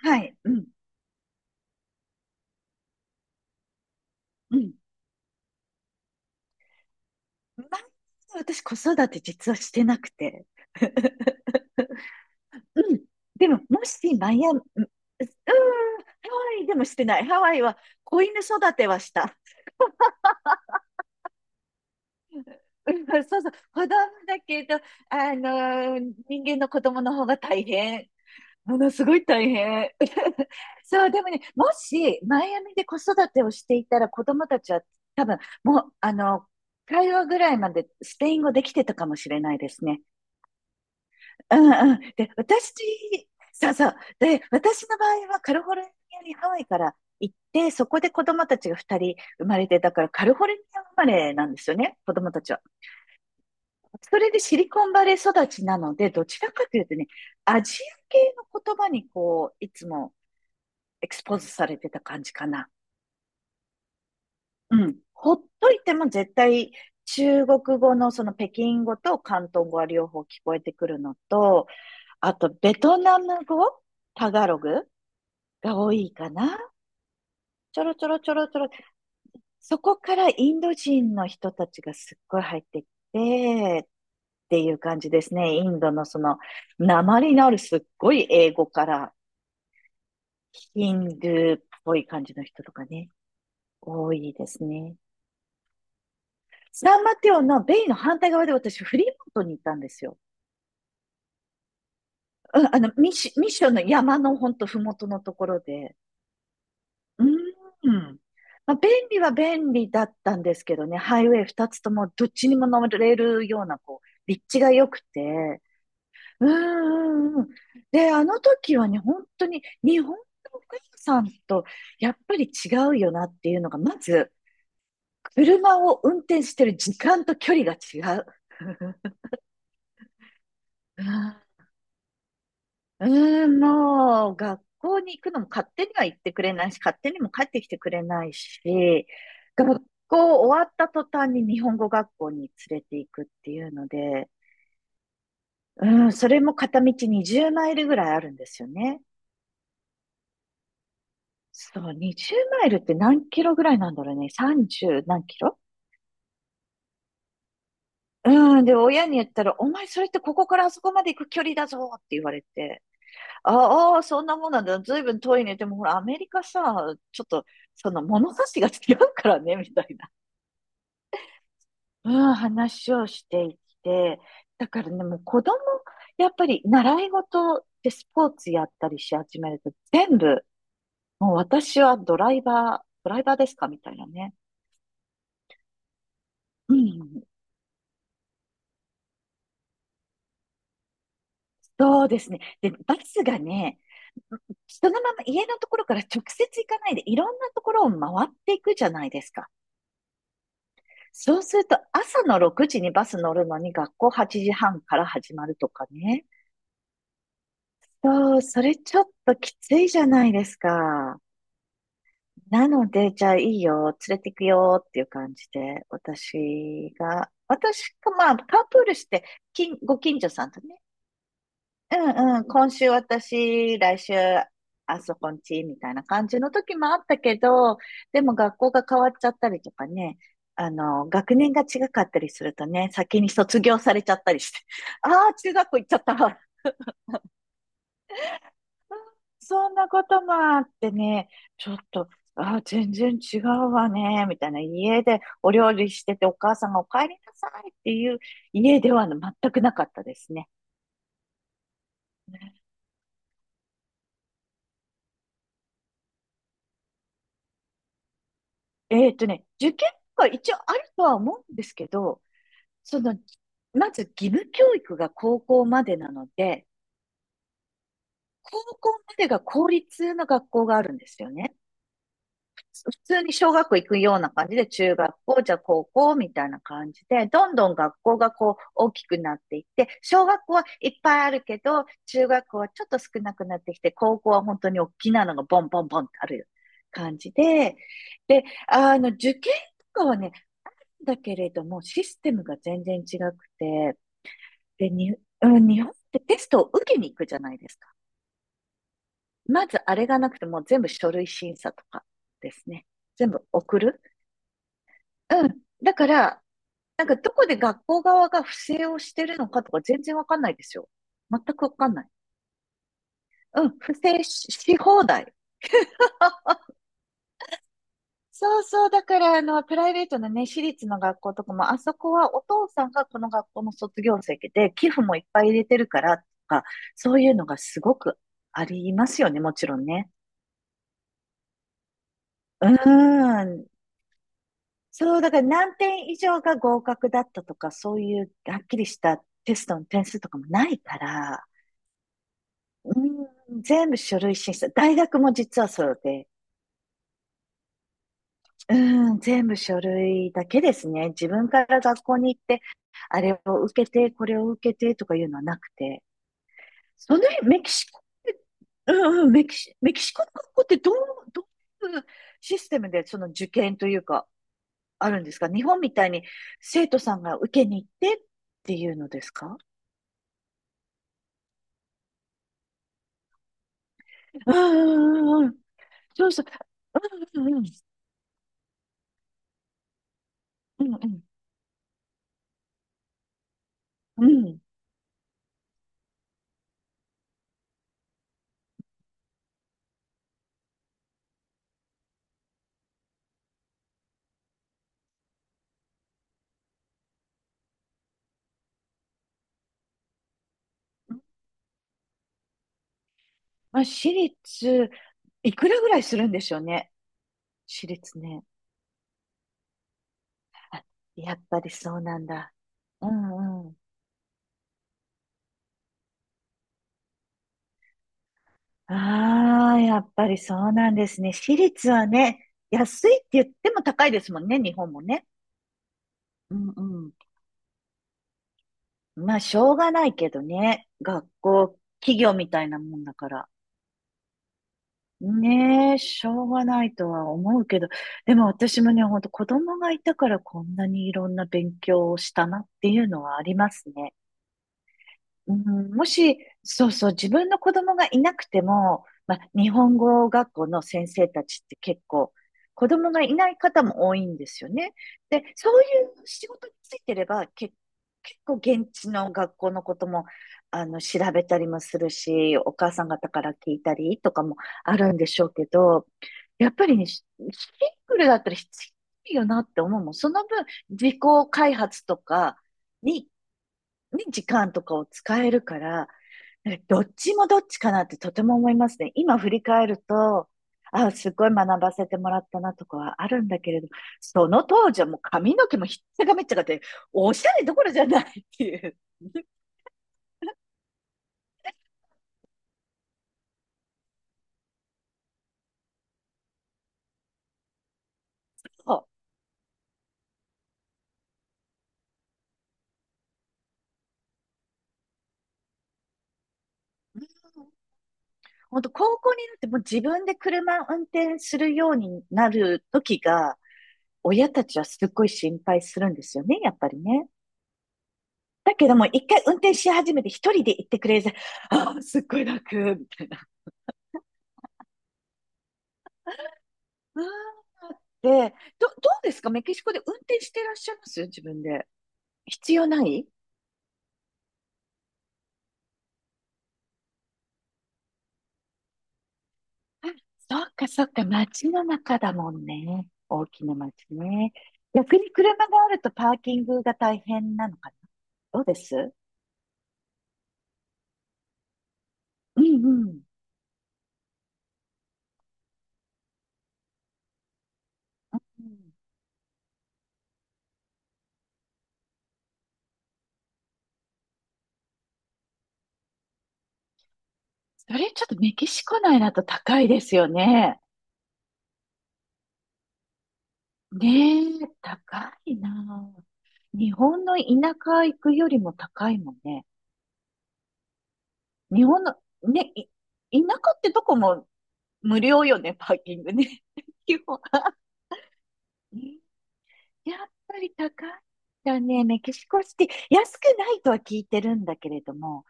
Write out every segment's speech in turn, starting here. はい。うん。うん。前私子育て実はしてなくて。うん。でも、もしマイアミ、うん、ハワイでもしてない。ハワイは子犬育てはした。うん、そうそう。子供だけど、人間の子供の方が大変。ものすごい大変。そう、でもね、もしマイアミで子育てをしていたら子供たちは多分、もう、あの、会話ぐらいまでスペイン語できてたかもしれないですね。うんうん。で、私、そうそう。で、私の場合はカリフォルニアにハワイから行って、そこで子供たちが2人生まれて、だからカリフォルニア生まれなんですよね、子供たちは。それでシリコンバレー育ちなので、どちらかというとね、アジア系の言葉にこう、いつもエクスポーズされてた感じかな。うん。ほっといても絶対中国語のその北京語と広東語は両方聞こえてくるのと、あとベトナム語、タガログが多いかな。ちょろちょろちょろちょろ。そこからインド人の人たちがすっごい入ってきて、っていう感じですね。インドのその、訛りのあるすっごい英語から、ヒンドゥーっぽい感じの人とかね、多いですね。サンマテオのベイの反対側で私、フリーモントに行ったんですよ。うん、ミッションの山のほんとふもとのところで、うーん。まあ、便利は便利だったんですけどね、ハイウェイ二つともどっちにも乗れるような、こう、立地が良くて。うんうんうん。で、あの時はね、本当に日本のお母さんとやっぱり違うよなっていうのが、まず、車を運転してる時間と距離が違う。うーん、もう、学校に行くのも勝手には行ってくれないし、勝手にも帰ってきてくれないし、学校終わった途端に日本語学校に連れて行くっていうので、うん、それも片道20マイルぐらいあるんですよね。そう、20マイルって何キロぐらいなんだろうね。30何キロ。うん、で、親に言ったら、お前それってここからあそこまで行く距離だぞって言われて、ああー、そんなもんなんだ。ずいぶん遠いね。でもほら、アメリカさ、ちょっと、その物差しが違うからね、みたいな、うん、話をしていて。だからね、もう子供、やっぱり習い事でスポーツやったりし始めると、全部、もう私はドライバー、ドライバーですかみたいなね。うん、そうですね。で、バスがね、そのまま家のところから直接行かないで、いろんなところを回っていくじゃないですか。そうすると朝の6時にバス乗るのに学校8時半から始まるとかね。そう、それちょっときついじゃないですか。なので、じゃあいいよ、連れてくよっていう感じで、私がまあ、カープールして、近所さんとね、うんうん、今週私、来週、あそこんち、みたいな感じの時もあったけど、でも学校が変わっちゃったりとかね、あの、学年が違かったりするとね、先に卒業されちゃったりして、ああ、中学校行っちゃったわ。そんなこともあってね、ちょっと、ああ、全然違うわね、みたいな。家でお料理してて、お母さんがお帰りなさいっていう家では全くなかったですね。受験が一応あるとは思うんですけど、その、まず義務教育が高校までなので、高校までが公立の学校があるんですよね。普通に小学校行くような感じで、中学校、じゃあ高校みたいな感じで、どんどん学校がこう大きくなっていって、小学校はいっぱいあるけど、中学校はちょっと少なくなってきて、高校は本当に大きなのがボンボンボンってある感じで、で、あの、受験とかはね、だけれども、システムが全然違くて、で、に、うん、日本ってテストを受けに行くじゃないですか。まずあれがなくてもう全部書類審査とかですね。全部送る。うん。だから、なんかどこで学校側が不正をしてるのかとか全然わかんないですよ。全くわかんない。うん、不正し、し放題。あ、そうそう。だから、あの、プライベートのね、私立の学校とかも、あそこはお父さんがこの学校の卒業生で、寄付もいっぱい入れてるからとか、そういうのがすごくありますよね、もちろんね。うーん。そう、だから何点以上が合格だったとか、そういうはっきりしたテストの点数とかもないから、うん、全部書類審査。大学も実はそうで、うん、全部書類だけですね。自分から学校に行って、あれを受けて、これを受けてとかいうのはなくて、その辺、メキシコって、うんうん、メキシコの学校ってどう、どういうシステムでその受験というか、あるんですか日本みたいに生徒さんが受けに行ってっていうのですか。うんうんうんうん。そうそう。うんうんうん。うんうん。うん。まあ、私立、いくらぐらいするんでしょうね。私立ね。あ、やっぱりそうなんだ。うんうん。ああ、やっぱりそうなんですね。私立はね、安いって言っても高いですもんね、日本もね。うんうん。まあ、しょうがないけどね。学校、企業みたいなもんだから。ねえ、しょうがないとは思うけど、でも私もね、ほんと子供がいたからこんなにいろんな勉強をしたなっていうのはありますね。うん、もし、そうそう、自分の子供がいなくても、まあ、日本語学校の先生たちって結構、子供がいない方も多いんですよね。で、そういう仕事についてれば、結構現地の学校のことも、あの、調べたりもするし、お母さん方から聞いたりとかもあるんでしょうけど、やっぱりね、シングルだったら必要ないよなって思うもん。その分、自己開発とかにに時間とかを使えるから、どっちもどっちかなってとても思いますね。今振り返ると、あ、すごい学ばせてもらったなとかはあるんだけれど、その当時はもう髪の毛もひっちゃかめっちゃかって、おしゃれどころじゃないっていう。そう。本当高校になってもう自分で車を運転するようになる時が、親たちはすっごい心配するんですよね、やっぱりね。だけども、一回運転し始めて一人で行ってくれるあ、すっごい楽、みたいな。で、ど、どうですかメキシコで運転してらっしゃいます自分で。必要ないあ、そっかそっか、街の中だもんね。大きな街ね。逆に車があるとパーキングが大変なのかな。どうです。うんうん。うん。それちょっとメキシコ内だと高いですよね。ねえ、高いなあ。日本の田舎行くよりも高いもんね。日本の、ね、い田舎ってどこも無料よね、パーキングね。基本。やっぱり高いんだね。メキシコシティ。安くないとは聞いてるんだけれども、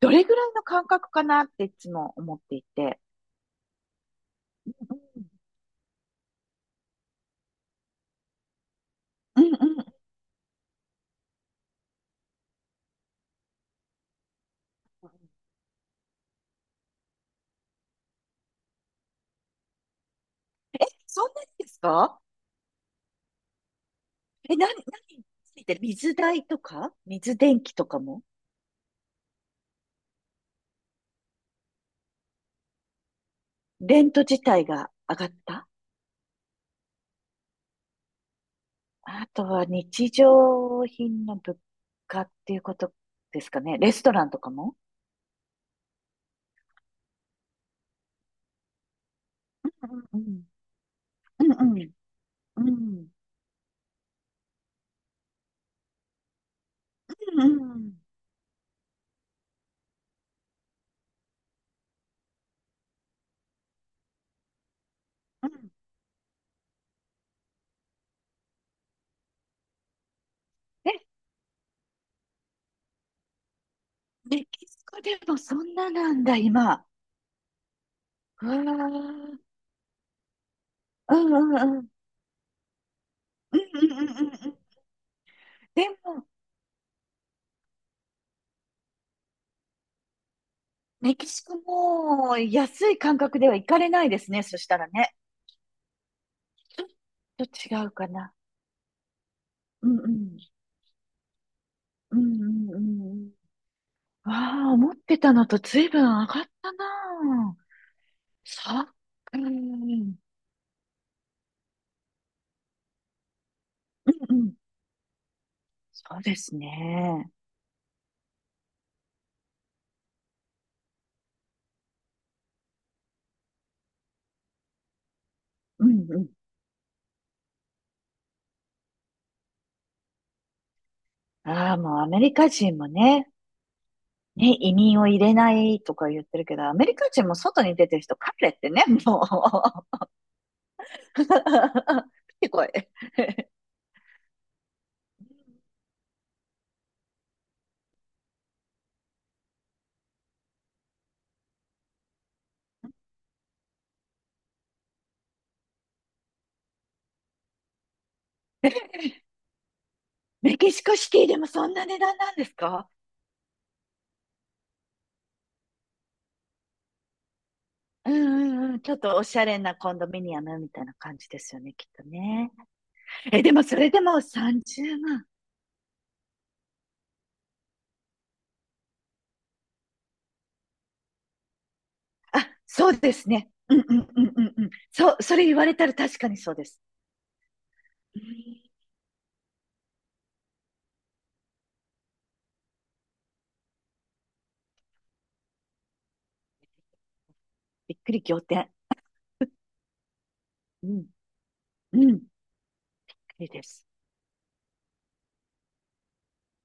どれぐらいの感覚かなっていつも思っていて。うんうんうん。そんなにですか。え、何についてる水代とか水電気とかもレント自体が上がったあとは日常品の物価っていうことですかね。レストランとかもうんうん。うんうん。うん。うん。うん。え、メキシコでもそんななんだ、今。うわー。うんうんうん。うんうんうんうんうん。でも、メキシコも安い感覚では行かれないですね、そしたらね。ちょっと違うかな。うんうん。うんうんうんうん。わあ、思ってたのと随分上がったなあ。そう。うん。うんうん。そうですね。うんうん。ああ、もうアメリカ人もね、ね、移民を入れないとか言ってるけど、アメリカ人も外に出てる人、帰れってね、もう。すごい。メキシコシティでもそんな値段なんですか。うんうんうん。ちょっとおしゃれなコンドミニアムみたいな感じですよね、きっとね。え、でもそれでも30万。あ、そうですね。うんうんうんうんうん。そう、それ言われたら確かにそうです。うん。びっくり仰天。うん、うん、いいです。